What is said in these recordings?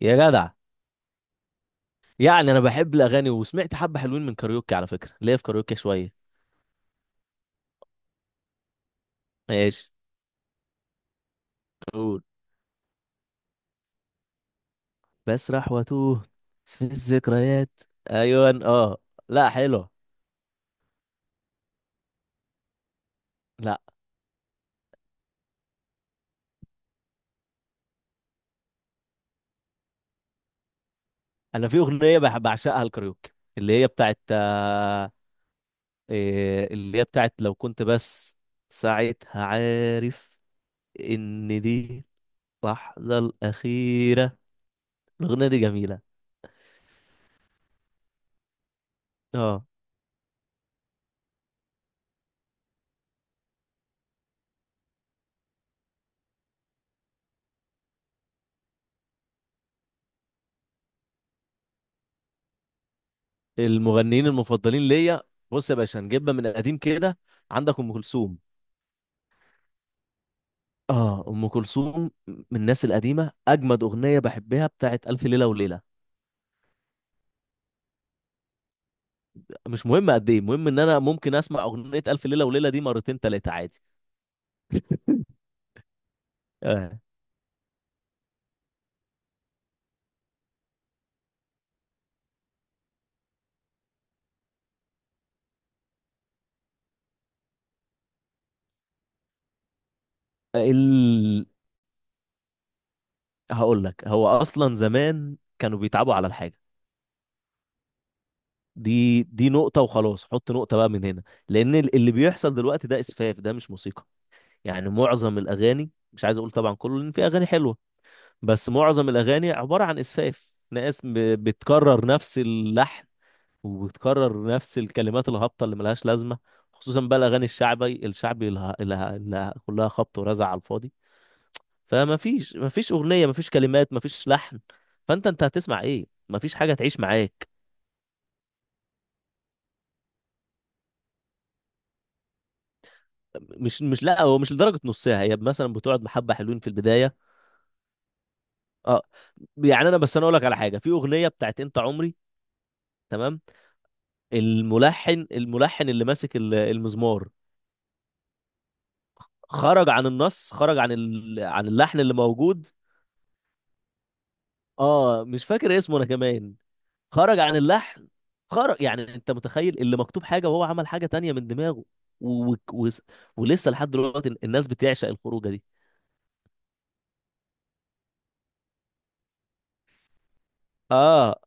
يا جدع، يعني انا بحب الاغاني وسمعت حبه حلوين من كاريوكي. على فكره ليا في كاريوكي شويه. ماشي، قول. بسرح واتوه في الذكريات. ايوه اه، لا حلوه. لا، انا في اغنيه بعشقها الكاريوكي، اللي هي بتاعت، آه، اللي هي بتاعت لو كنت بس، ساعتها عارف ان دي اللحظه الاخيره. الاغنيه دي جميله. اه. المغنيين المفضلين ليا؟ بص يا باشا، نجيبها من قديم كده. عندك ام كلثوم. اه، ام كلثوم من الناس القديمه، اجمد اغنيه بحبها بتاعت الف ليله وليله. مش مهم قد ايه، المهم ان انا ممكن اسمع اغنيه الف ليله وليله دي مرتين تلاته عادي. آه. ال... هقول لك، هو اصلا زمان كانوا بيتعبوا على الحاجه. دي نقطه وخلاص، حط نقطه بقى من هنا. لان اللي بيحصل دلوقتي ده اسفاف، ده مش موسيقى. يعني معظم الاغاني، مش عايز اقول طبعا كله لان في اغاني حلوه، بس معظم الاغاني عباره عن اسفاف. ناس بتكرر نفس اللحن، وبتكرر نفس الكلمات الهابطة اللي ملهاش لازمة. خصوصا بقى الأغاني الشعبي الشعبي اللي كلها خبط ورزع على الفاضي. فما فيش أغنية، ما فيش كلمات، ما فيش لحن. فأنت هتسمع إيه؟ ما فيش حاجة تعيش معاك. مش لا، هو مش لدرجة نص ساعة، هي مثلا بتقعد محبة حلوين في البداية. اه. يعني أنا أقول لك على حاجة، في أغنية بتاعت أنت عمري، تمام. الملحن اللي ماسك المزمار، خرج عن النص، خرج عن عن اللحن اللي موجود. اه مش فاكر اسمه انا كمان. خرج عن اللحن، خرج. يعني انت متخيل اللي مكتوب حاجه وهو عمل حاجه تانية من دماغه، و... و... و... ولسه لحد دلوقتي الناس بتعشق الخروجه دي. اه،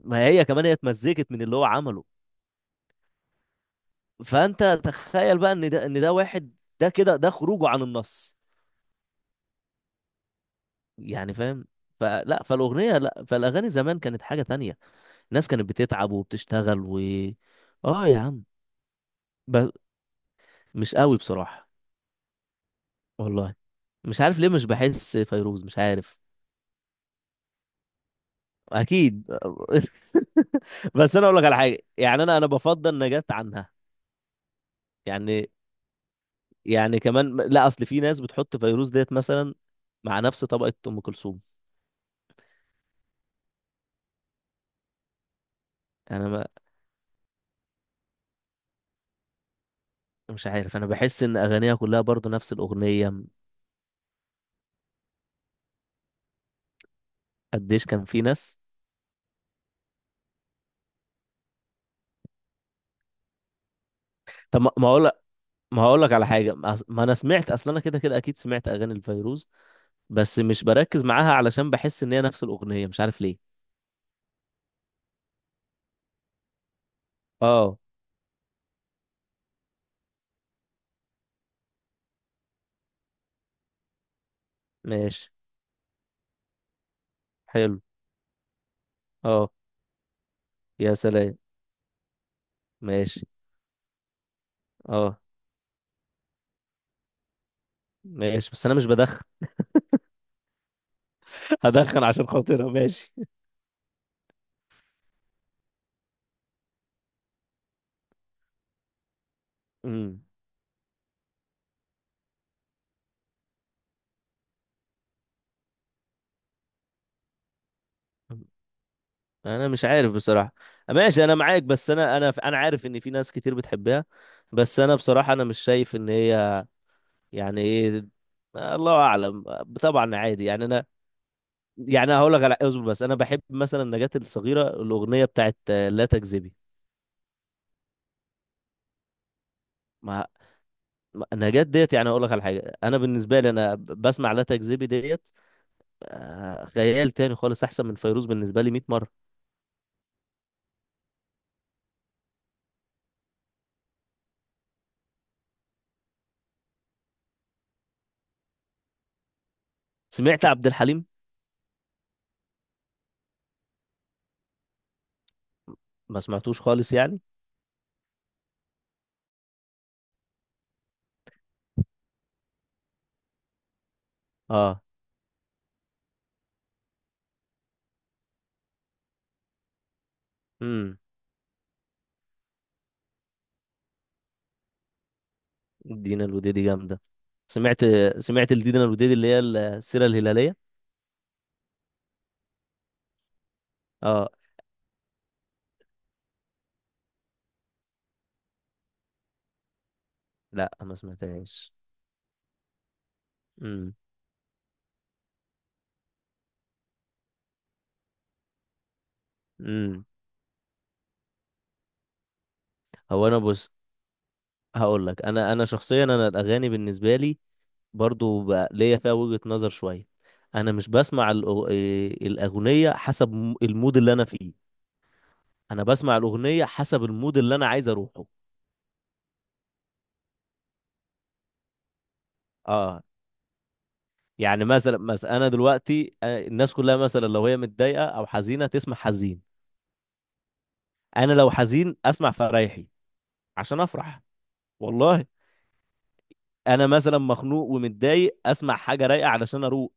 ما هي كمان هي اتمزجت من اللي هو عمله. فانت تخيل بقى ان ده واحد. ده كده، ده خروجه عن النص. يعني فاهم. فلا فالاغنيه لا فالاغاني زمان كانت حاجه تانية. الناس كانت بتتعب وبتشتغل و... اه يا عم. ب... مش قوي بصراحه. والله مش عارف ليه، مش بحس فيروز، مش عارف. اكيد. بس انا اقول لك على حاجه، يعني انا بفضل نجاة عنها. يعني يعني كمان لا، اصل في ناس بتحط فيروز ديت مثلا مع نفس طبقه ام كلثوم. انا ما مش عارف، انا بحس ان اغانيها كلها برضو نفس الاغنيه قديش كان في ناس. طب ما ما اقول، ما هقول لك على حاجه، ما انا سمعت اصلا، انا كده كده اكيد سمعت اغاني الفيروز، بس مش بركز معاها علشان بحس ان هي نفس الاغنيه، مش عارف ليه. اه ماشي. حلو. اه يا سلام ماشي. اه ماشي بس انا مش بدخن. هدخن عشان خاطرها ماشي. امم. انا مش عارف بصراحة. ماشي انا معاك، بس انا عارف ان في ناس كتير بتحبها، بس انا بصراحة انا مش شايف ان هي. يعني ايه. الله اعلم. طبعا عادي يعني انا. يعني هقول لك على، اصبر، بس انا بحب مثلا نجاة الصغيرة، الاغنية بتاعت لا تكذبي. ما نجاة ديت، يعني هقول لك على حاجة، انا بالنسبة لي انا بسمع لا تكذبي ديت، خيال تاني خالص احسن من فيروز بالنسبه لي 100 مره. سمعت عبد الحليم؟ ما سمعتوش خالص يعني. اه. امم. دينا الوديدي جامده. سمعت سمعت الدينا الوديدي اللي هي السيره الهلاليه. اه لا ما سمعتهاش. امم امم. هو انا بص، هقول لك، انا شخصيا انا الاغاني بالنسبه لي برضو بقى ليا فيها وجهه نظر شويه. انا مش بسمع الاغنيه حسب المود اللي انا فيه، انا بسمع الاغنيه حسب المود اللي انا عايز اروحه. اه. يعني مثلا انا دلوقتي، الناس كلها مثلا لو هي متضايقه او حزينه تسمع حزين، انا لو حزين اسمع فرايحي عشان افرح، والله. انا مثلا مخنوق ومتضايق اسمع حاجه رايقه علشان اروق.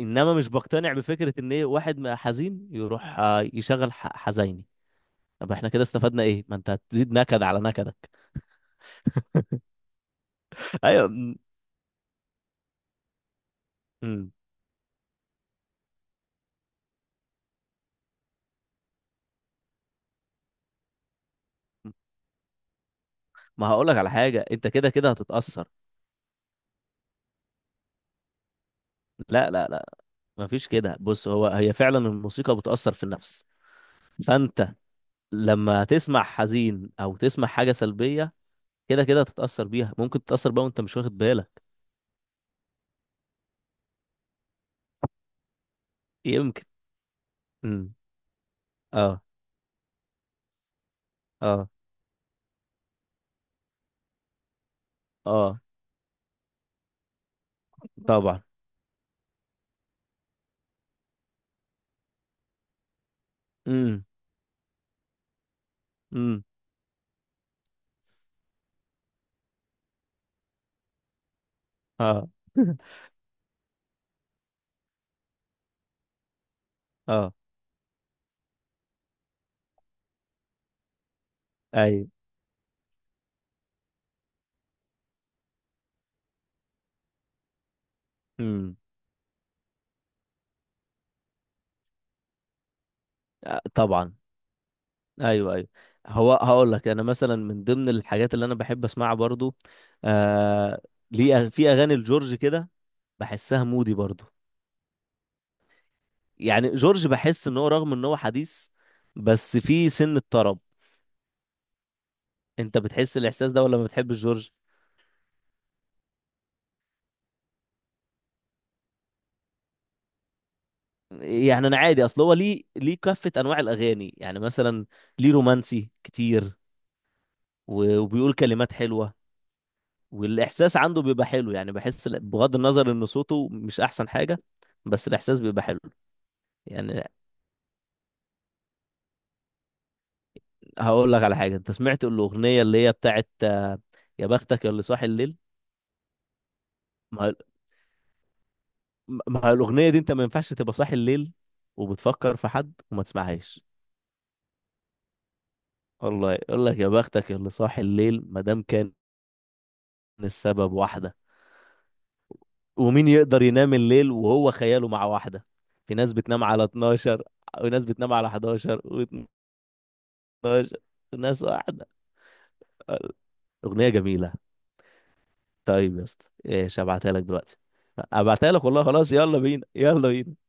انما مش بقتنع بفكره ان ايه واحد ما حزين يروح يشغل حزيني. طب احنا كده استفدنا ايه؟ ما انت هتزيد نكد على نكدك. ايوه. م- ما هقول لك على حاجه، انت كده كده هتتاثر. لا لا لا مفيش كده. بص، هو هي فعلا الموسيقى بتاثر في النفس، فانت لما تسمع حزين او تسمع حاجه سلبيه كده كده هتتاثر بيها، ممكن تتاثر بقى وانت مش واخد بالك. يمكن. امم. اه. اه اه طبعا. امم امم. اه. اه ايوه. امم. طبعا. ايوه. هو هقول لك، انا مثلا من ضمن الحاجات اللي انا بحب اسمعها برضو، آه ليه في اغاني لجورج كده، بحسها مودي برضو. يعني جورج بحس ان هو رغم ان هو حديث، بس في سن الطرب. انت بتحس الاحساس ده ولا ما بتحبش جورج؟ يعني انا عادي، اصل هو ليه كافة انواع الاغاني، يعني مثلا ليه رومانسي كتير، وبيقول كلمات حلوة، والاحساس عنده بيبقى حلو، يعني بحس بغض النظر ان صوته مش احسن حاجة، بس الاحساس بيبقى حلو. يعني هقول لك على حاجة، انت سمعت الاغنية اللي هي بتاعت يا بختك يا اللي صاحي الليل؟ ما ما هي الاغنية دي انت ما ينفعش تبقى صاحي الليل وبتفكر في حد وما تسمعهاش. والله يقول لك يا بختك يا اللي صاحي الليل ما دام كان السبب واحدة. ومين يقدر ينام الليل وهو خياله مع واحدة؟ في ناس بتنام على 12، وناس بتنام على 11 و12، وناس واحدة. أغنية جميلة. طيب يا اسطى، ايش هبعتها لك دلوقتي؟ هبعتها لك والله خلاص، يلا بينا يلا بينا.